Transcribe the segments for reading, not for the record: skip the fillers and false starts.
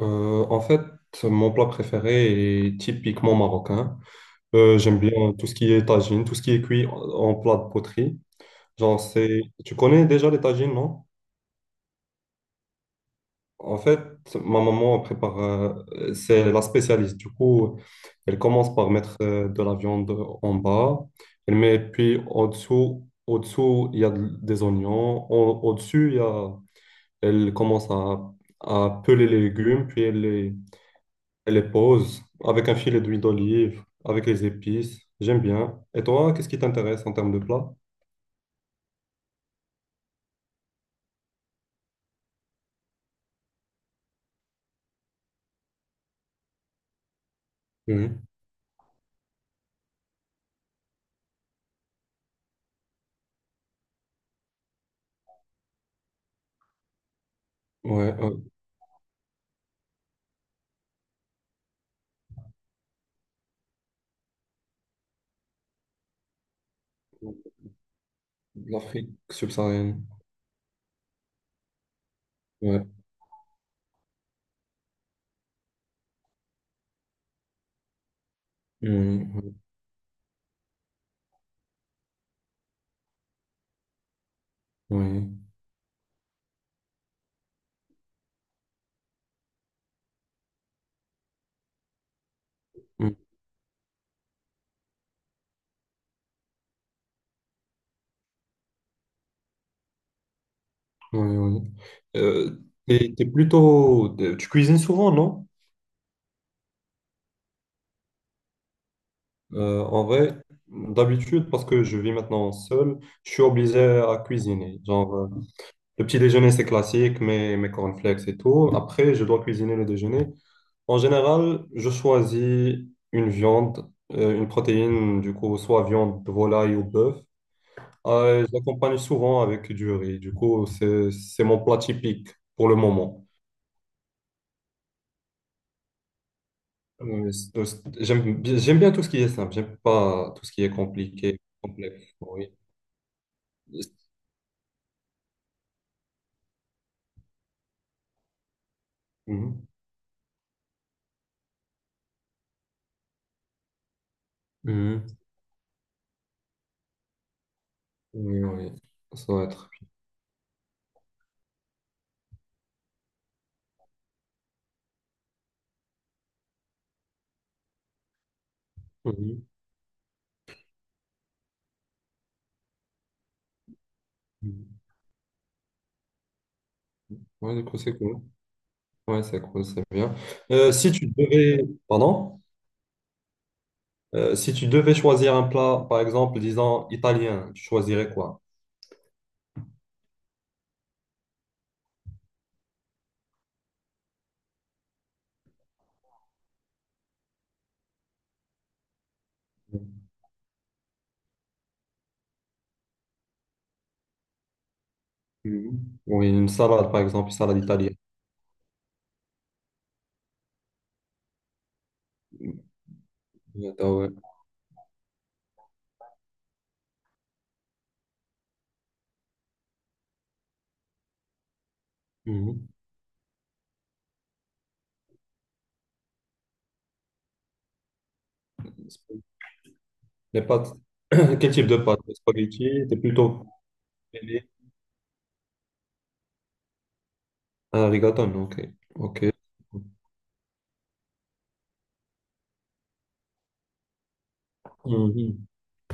Euh, en fait, Mon plat préféré est typiquement marocain. J'aime bien tout ce qui est tagine, tout ce qui est cuit en plat de poterie. Genre, c'est... Tu connais déjà les tagines, non? En fait, ma maman prépare, c'est la spécialiste. Du coup, elle commence par mettre de la viande en bas. Elle met, puis au-dessous, au-dessous, il y a des oignons. Au- dessus il y a... Elle commence à peler les légumes, puis elle les elle les pose avec un filet d'huile d'olive, avec les épices. J'aime bien. Et toi, qu'est-ce qui t'intéresse en termes de plats? Mhm. Ouais, euh, L'Afrique subsaharienne. Ouais. Mhm. Oui, mhm, oui, oui. Euh, Tu cuisines souvent, non? En vrai, d'habitude, parce que je vis maintenant seul, je suis obligé à cuisiner. Genre, le petit déjeuner, c'est classique, mes cornflakes et tout. Après, je dois cuisiner le déjeuner. En général, je choisis une viande, une protéine, du coup, soit viande de volaille ou bœuf. Je l'accompagne souvent avec du riz. Du coup, c'est mon plat typique pour le moment. J'aime bien tout ce qui est simple. J'aime pas tout ce qui est compliqué, complexe. Oui. Mhm. Mhm. Oui, oui. Ça va être. Oui. Mhm. Ouais, du coup, c'est cool. Ouais, c'est cool, c'est bien. Si tu devais. Pardon? Si tu devais choisir un plat, par exemple, disons italien, tu choisirais quoi? Mhm. Oui, une salade, par exemple, une salade italienne. Ah ouais. Mhm. Les pâtes. Quel type de pâtes? Spaghetti, t'es plutôt. Aimé. Ah, rigatone, ok. Ok. Mhm.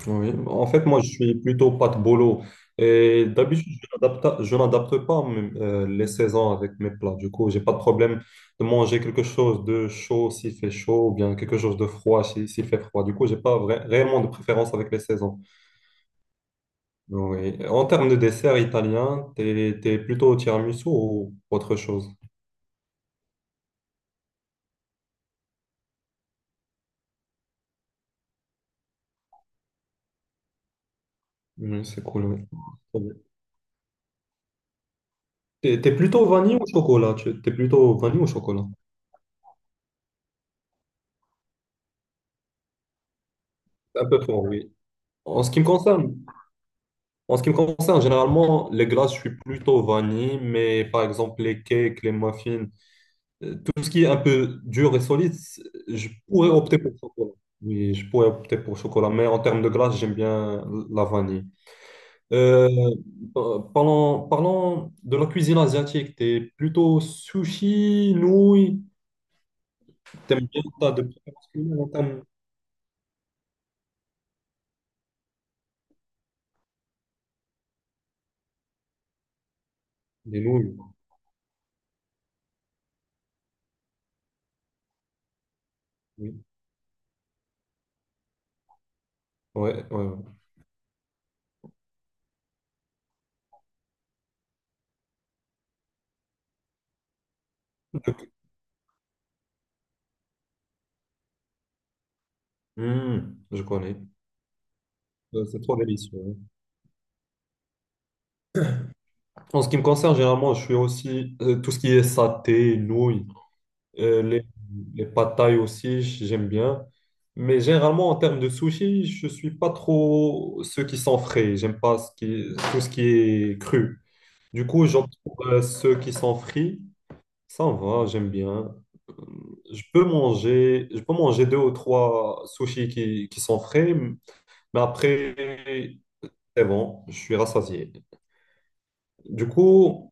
Oui, en fait, moi, je suis plutôt pâte bolo. Et d'habitude, je n'adapte pas les saisons avec mes plats. Du coup, j'ai pas de problème de manger quelque chose de chaud s'il fait chaud, ou bien quelque chose de froid s'il fait froid. Du coup, j'ai pas réellement de préférence avec les saisons. Oui. En termes de dessert italien, t'es plutôt tiramisu ou autre chose? Oui, c'est cool. Oui. Très bien. T'es plutôt vanille ou chocolat? Un peu fort, oui. En ce qui me concerne, en ce qui me concerne, généralement, les glaces, je suis plutôt vanille, mais par exemple, les cakes, les muffins, tout ce qui est un peu dur et solide, je pourrais opter pour chocolat. Oui, je pourrais opter pour chocolat, mais en termes de glace, j'aime bien la vanille. Euh, Parlons de la cuisine asiatique. T'es plutôt sushi, nouilles. T'aimes bien, t'as de préférence culinaire en termes des nouilles. Oui, ouais, ouais. Ouais. Hmm, je connais. C'est trop délicieux. Hein. En ce qui me concerne, généralement, je suis aussi tout ce qui est saté, nouilles, euh, les, les pad thaï aussi, j'aime bien. Mais généralement, en termes de sushi, je suis pas trop ceux qui sont frais. J'aime pas tout ce qui est cru. Du coup, j'opte pour ceux qui sont frits. Ça me va, j'aime bien. Euh, je peux manger deux ou trois sushis qui sont frais, mais après, c'est bon, je suis rassasié. Du coup,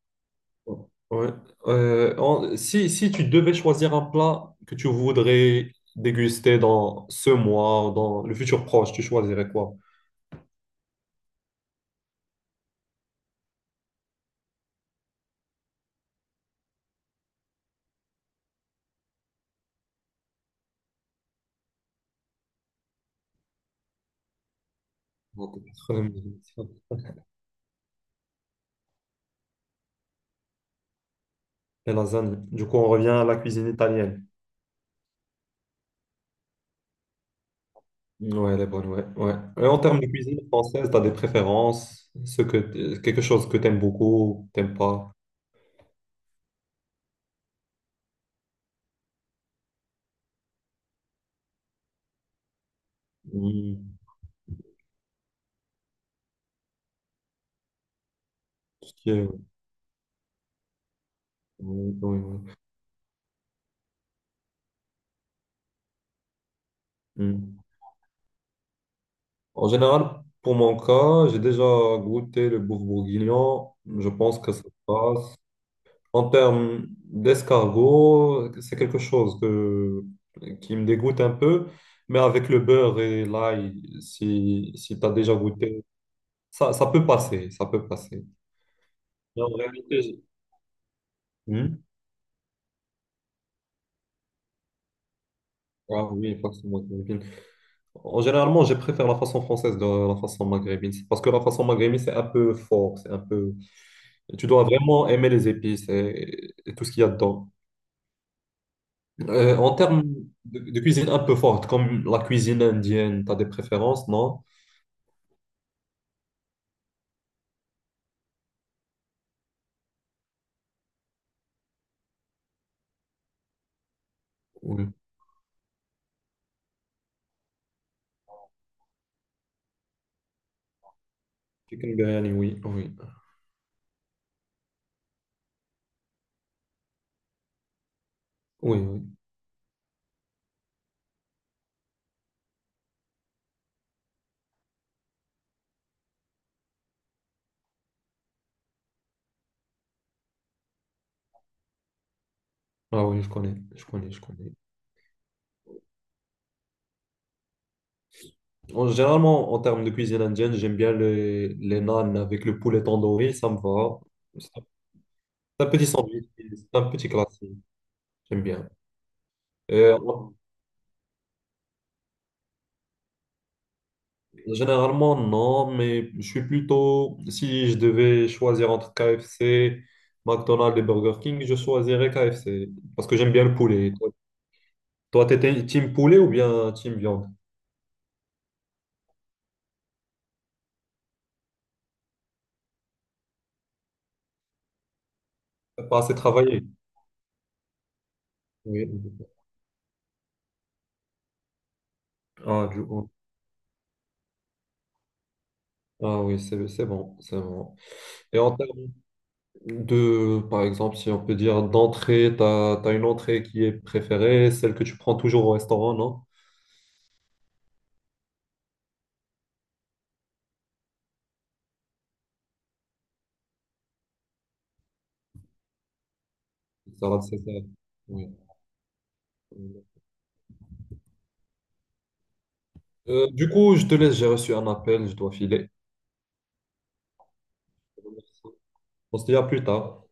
ouais. Si, si tu devais choisir un plat que tu voudrais déguster dans ce mois, ou dans le futur proche, tu choisirais quoi? Beaucoup. Les lasagnes. Du coup, on revient à la cuisine italienne. Ouais, elle est bonne, ouais, ouais. Et en termes de cuisine française, tu as des préférences? Quelque chose que tu aimes beaucoup, t'aimes pas? Hmm, ce qui est- oui, oui, oui. Hmm. En général, pour mon cas, j'ai déjà goûté le bouffe bourguignon. Je pense que ça passe. En termes d'escargot, c'est quelque chose que- qui me dégoûte un peu, mais avec le beurre et l'ail, si, si tu as déjà goûté, ça, ça peut passer. Mais en réalité, j- Hmm. Ah oui, façon maghrébine. En généralement, je préfère la façon française de la façon maghrébine. C'est parce que la façon maghrébine, c'est un peu fort, c'est un peu... Tu dois vraiment aimer les épices et tout ce qu'il y a dedans. En termes de cuisine un peu forte, comme la cuisine indienne, tu as des préférences, non? Oui. Chicken biryani, oui, oui. Oui, oui. Ah oui, je connais, je connais, je connais. En, généralement, en termes de cuisine indienne, j'aime bien les naan avec le poulet tandoori, ça me va. C'est un c'est un petit sandwich, c'est un petit classique, j'aime bien. Euh, en- Généralement, non, mais je suis plutôt, si je devais choisir entre KFC, McDonald's et Burger King, je choisirais KFC, parce que j'aime bien le poulet. T'étais team poulet ou bien team viande? T'as pas assez travaillé. Oui. Ah, du- Ah oui, c'est bon, c'est bon. Et en termes de, par exemple, si on peut dire d'entrée, tu as, une entrée qui est préférée, celle que tu prends toujours au restaurant, non? Ça, là, c'est ça. Oui. Du coup, je te laisse, j'ai reçu un appel, je dois filer. On se dit à plus tard.